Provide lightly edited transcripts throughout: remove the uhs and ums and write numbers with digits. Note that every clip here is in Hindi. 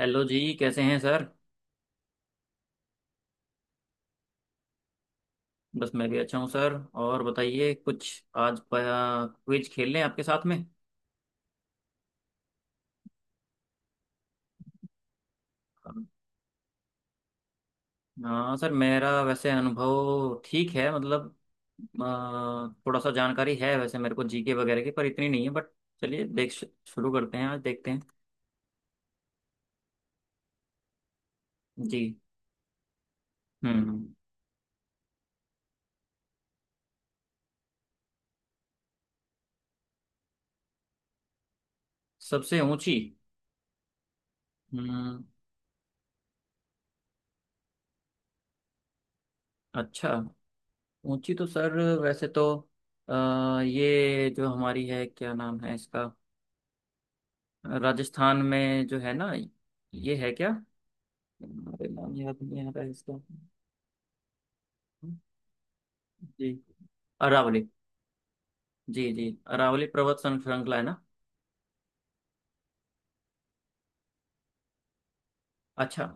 हेलो जी, कैसे हैं सर। बस मैं भी अच्छा हूँ सर। और बताइए, कुछ आज क्विज खेल लें आपके साथ में। हाँ सर, मेरा वैसे अनुभव ठीक है, मतलब थोड़ा सा जानकारी है वैसे मेरे को जीके वगैरह की, पर इतनी नहीं है बट चलिए देख शुरू करते हैं, आज देखते हैं। जी। हम्म। सबसे ऊंची। हम्म। अच्छा। ऊंची तो सर वैसे तो ये जो हमारी है, क्या नाम है इसका, राजस्थान में जो है ना, ये है क्या? अरे नाम याद नहीं आ रहा है इसका। जी। अरावली। जी जी। अरावली पर्वत श्रृंखला है ना? अच्छा।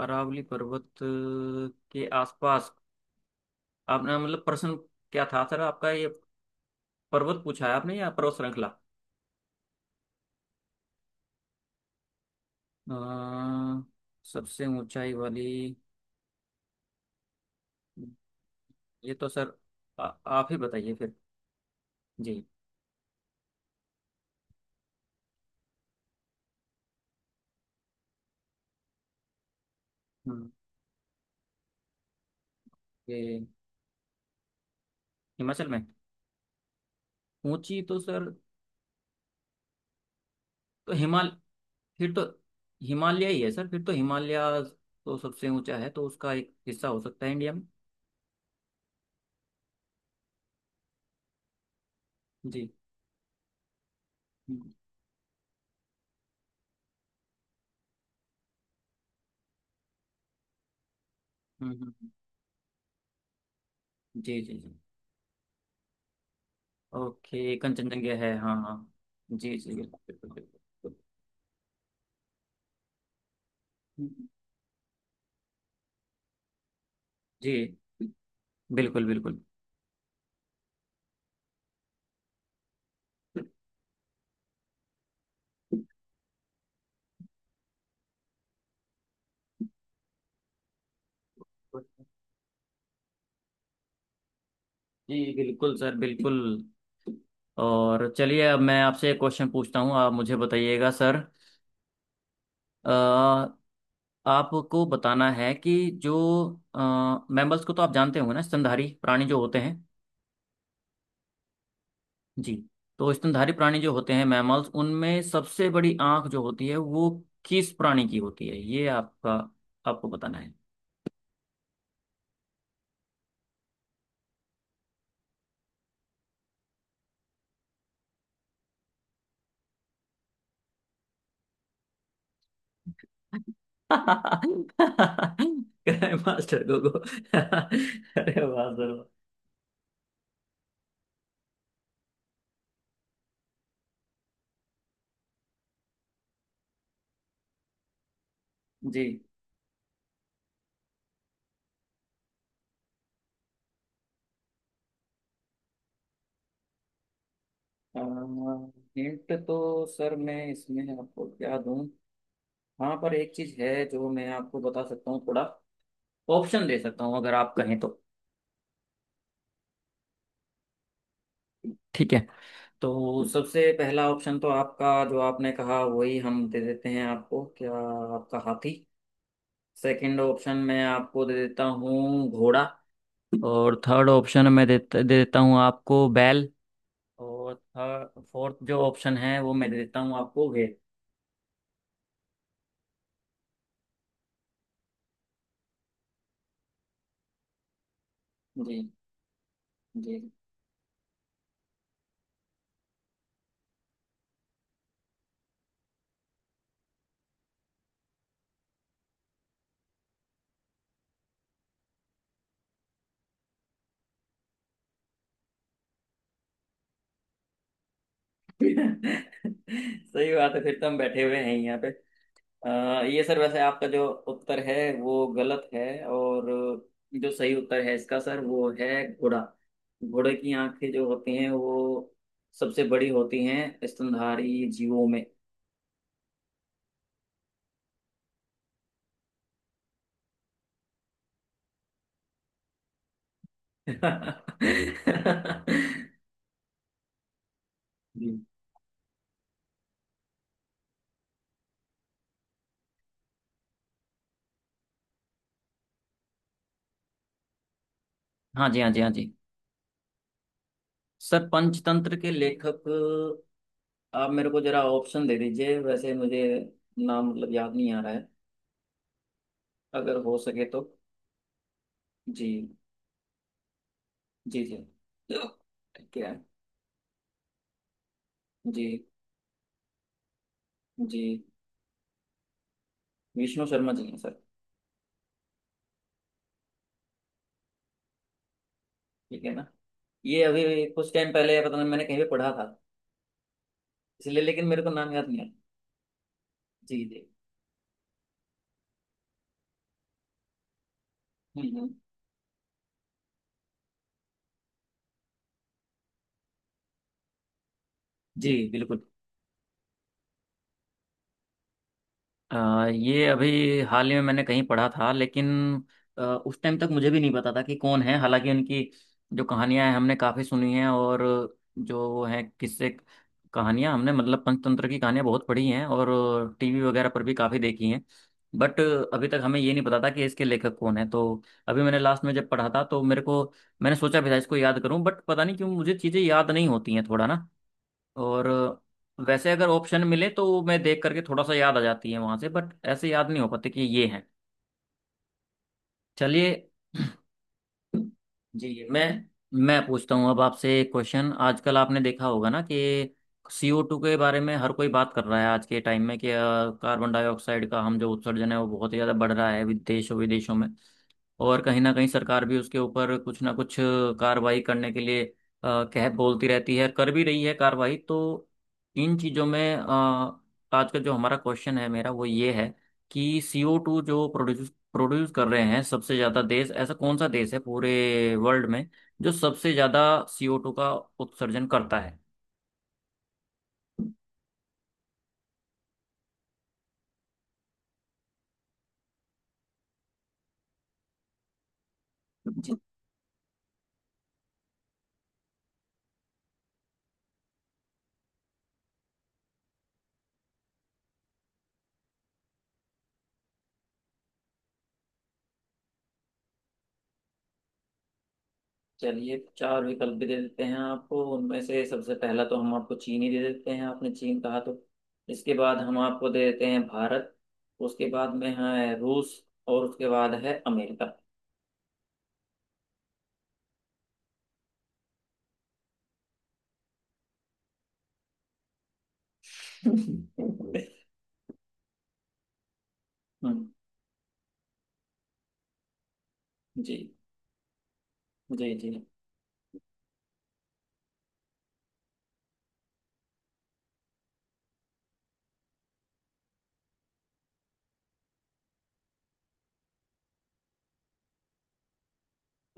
अरावली पर्वत के आसपास? आपने मतलब प्रश्न क्या था सर आपका ये, पर्वत पूछा है आपने या पर्वत श्रृंखला? अ, सबसे ऊंचाई वाली? ये तो सर आप ही बताइए फिर। जी। हम्म। ये हिमाचल में? ऊंची तो सर, तो हिमाल, फिर तो हिमालय ही है सर, फिर तो हिमालय तो सबसे ऊंचा है, तो उसका एक हिस्सा हो सकता है इंडिया में। जी। हम्म। हम्म, हम्म, जी जी जी। ओके, कंचनजंगा है, हाँ हाँ। जी जी। बिल्कुल बिल्कुल बिल्कुल। हम्म, जी बिल्कुल बिल्कुल, जी बिल्कुल सर, बिल्कुल। और चलिए अब मैं आपसे एक क्वेश्चन पूछता हूँ, आप मुझे बताइएगा सर। आपको बताना है कि जो मैमल्स को तो आप जानते होंगे ना, स्तनधारी प्राणी जो होते हैं। जी। तो स्तनधारी प्राणी जो होते हैं मैमल्स, उनमें सबसे बड़ी आंख जो होती है वो किस प्राणी की होती है, ये आपका, आपको बताना है। मास्टर गोगो अरे वाह सर वाह। जी। हिंट तो सर मैं इसमें आपको क्या दूं, हाँ पर एक चीज है जो मैं आपको बता सकता हूँ, थोड़ा ऑप्शन दे सकता हूँ अगर आप कहें तो। ठीक है। तो सबसे पहला ऑप्शन तो आपका जो आपने कहा वही हम दे देते हैं आपको, क्या आपका हाथी। सेकंड ऑप्शन मैं आपको दे देता हूँ घोड़ा। और थर्ड ऑप्शन मैं दे, दे देता हूँ आपको बैल। और थर्ड फोर्थ जो ऑप्शन है वो मैं दे देता हूँ आपको भेड़। जी जी। सही बात है, फिर तो हम बैठे हुए हैं यहाँ पे। अ, ये सर वैसे आपका जो उत्तर है वो गलत है। और जो सही उत्तर है इसका सर वो है घोड़ा। घोड़े की आंखें जो होती हैं वो सबसे बड़ी होती हैं स्तनधारी जीवों में। जी। हाँ जी, हाँ जी, हाँ जी। सर पंचतंत्र के लेखक, आप मेरे को जरा ऑप्शन दे दीजिए वैसे, मुझे नाम मतलब याद नहीं आ रहा है। अगर हो सके तो। जी जी जी। क्या। जी जी। विष्णु शर्मा जी हैं सर। ठीक है ना, ये अभी कुछ टाइम पहले पता नहीं मैंने कहीं पे पढ़ा था इसलिए, लेकिन मेरे को नाम याद नहीं आ रहा। जी जी। हम्म, हम्म। जी बिल्कुल। ये अभी हाल ही में मैंने कहीं पढ़ा था, लेकिन उस टाइम तक मुझे भी नहीं पता था कि कौन है, हालांकि उनकी जो कहानियां हैं हमने काफ़ी सुनी हैं। और जो वो हैं किस्से कहानियां, हमने मतलब पंचतंत्र की कहानियां बहुत पढ़ी हैं और टीवी वगैरह पर भी काफ़ी देखी हैं, बट अभी तक हमें ये नहीं पता था कि इसके लेखक कौन है। तो अभी मैंने लास्ट में जब पढ़ा था तो मेरे को, मैंने सोचा भी था इसको याद करूं, बट पता नहीं क्यों मुझे चीज़ें याद नहीं होती हैं थोड़ा ना। और वैसे अगर ऑप्शन मिले तो मैं देख करके थोड़ा सा याद आ जाती है वहां से, बट ऐसे याद नहीं हो पाते कि ये है। चलिए। जी मैं पूछता हूँ अब आपसे एक क्वेश्चन, आजकल आपने देखा होगा ना कि सीओ टू के बारे में हर कोई बात कर रहा है आज के टाइम में, कि कार्बन डाइऑक्साइड का हम जो उत्सर्जन है वो बहुत ही ज़्यादा बढ़ रहा है विदेशों विदेशों में। और कहीं ना कहीं सरकार भी उसके ऊपर कुछ ना कुछ कार्रवाई करने के लिए कह बोलती रहती है, कर भी रही है कार्रवाई। तो इन चीज़ों में आज का जो हमारा क्वेश्चन है मेरा वो ये है कि सीओ टू जो प्रोड्यूस प्रोड्यूस कर रहे हैं सबसे ज्यादा देश, ऐसा कौन सा देश है पूरे वर्ल्ड में जो सबसे ज्यादा CO2 का उत्सर्जन करता है? जी। चलिए चार विकल्प भी दे देते हैं आपको, उनमें से सबसे पहला तो हम आपको चीन ही दे देते हैं, आपने चीन कहा तो। इसके बाद हम आपको दे देते हैं भारत। उसके बाद में है रूस। और उसके बाद है अमेरिका। हम्म, जी जी जी।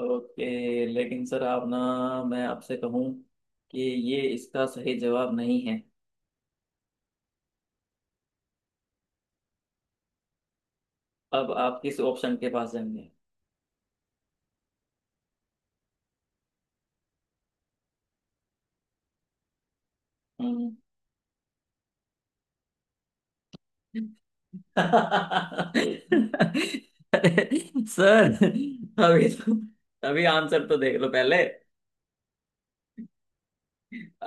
ओके, लेकिन सर आप ना, मैं आपसे कहूँ कि ये इसका सही जवाब नहीं है। अब आप किस ऑप्शन के पास जाएंगे? हम्म। अरे सर अभी तो, अभी आंसर तो देख लो पहले,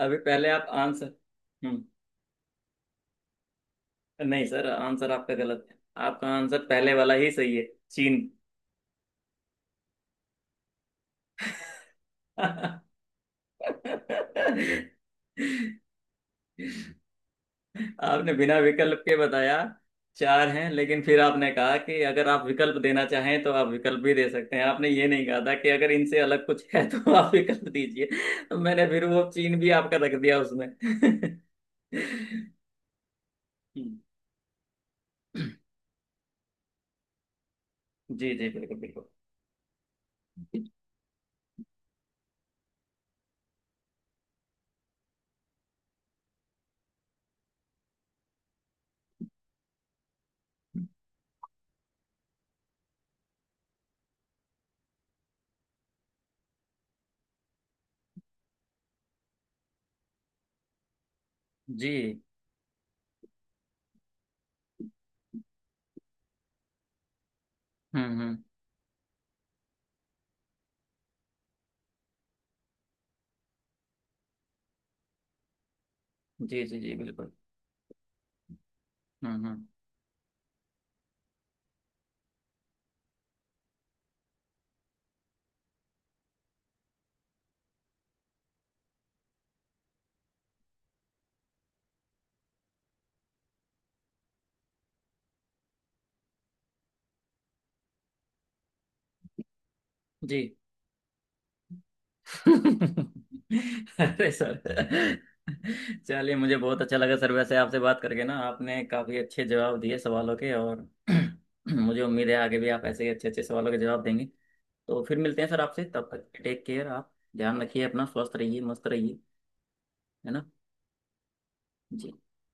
अभी पहले आप आंसर। हम्म। नहीं सर, आंसर आपका गलत है। आपका आंसर पहले वाला ही सही है, चीन। आपने बिना विकल्प के बताया, चार हैं, लेकिन फिर आपने कहा कि अगर आप विकल्प देना चाहें तो आप विकल्प भी दे सकते हैं। आपने ये नहीं कहा था कि अगर इनसे अलग कुछ है तो आप विकल्प दीजिए। तो मैंने फिर वो चीन भी आपका रख दिया उसमें। जी जी बिल्कुल बिल्कुल। जी। हम्म। जी जी जी बिल्कुल। हम्म। जी। अरे सर चलिए, मुझे बहुत अच्छा लगा सर वैसे आपसे बात करके ना, आपने काफ़ी अच्छे जवाब दिए सवालों के। और मुझे उम्मीद है आगे भी आप ऐसे ही अच्छे अच्छे सवालों के जवाब देंगे। तो फिर मिलते हैं सर आपसे, तब तक टेक केयर आप। ध्यान रखिए अपना, स्वस्थ रहिए, मस्त रहिए, है ना? जी।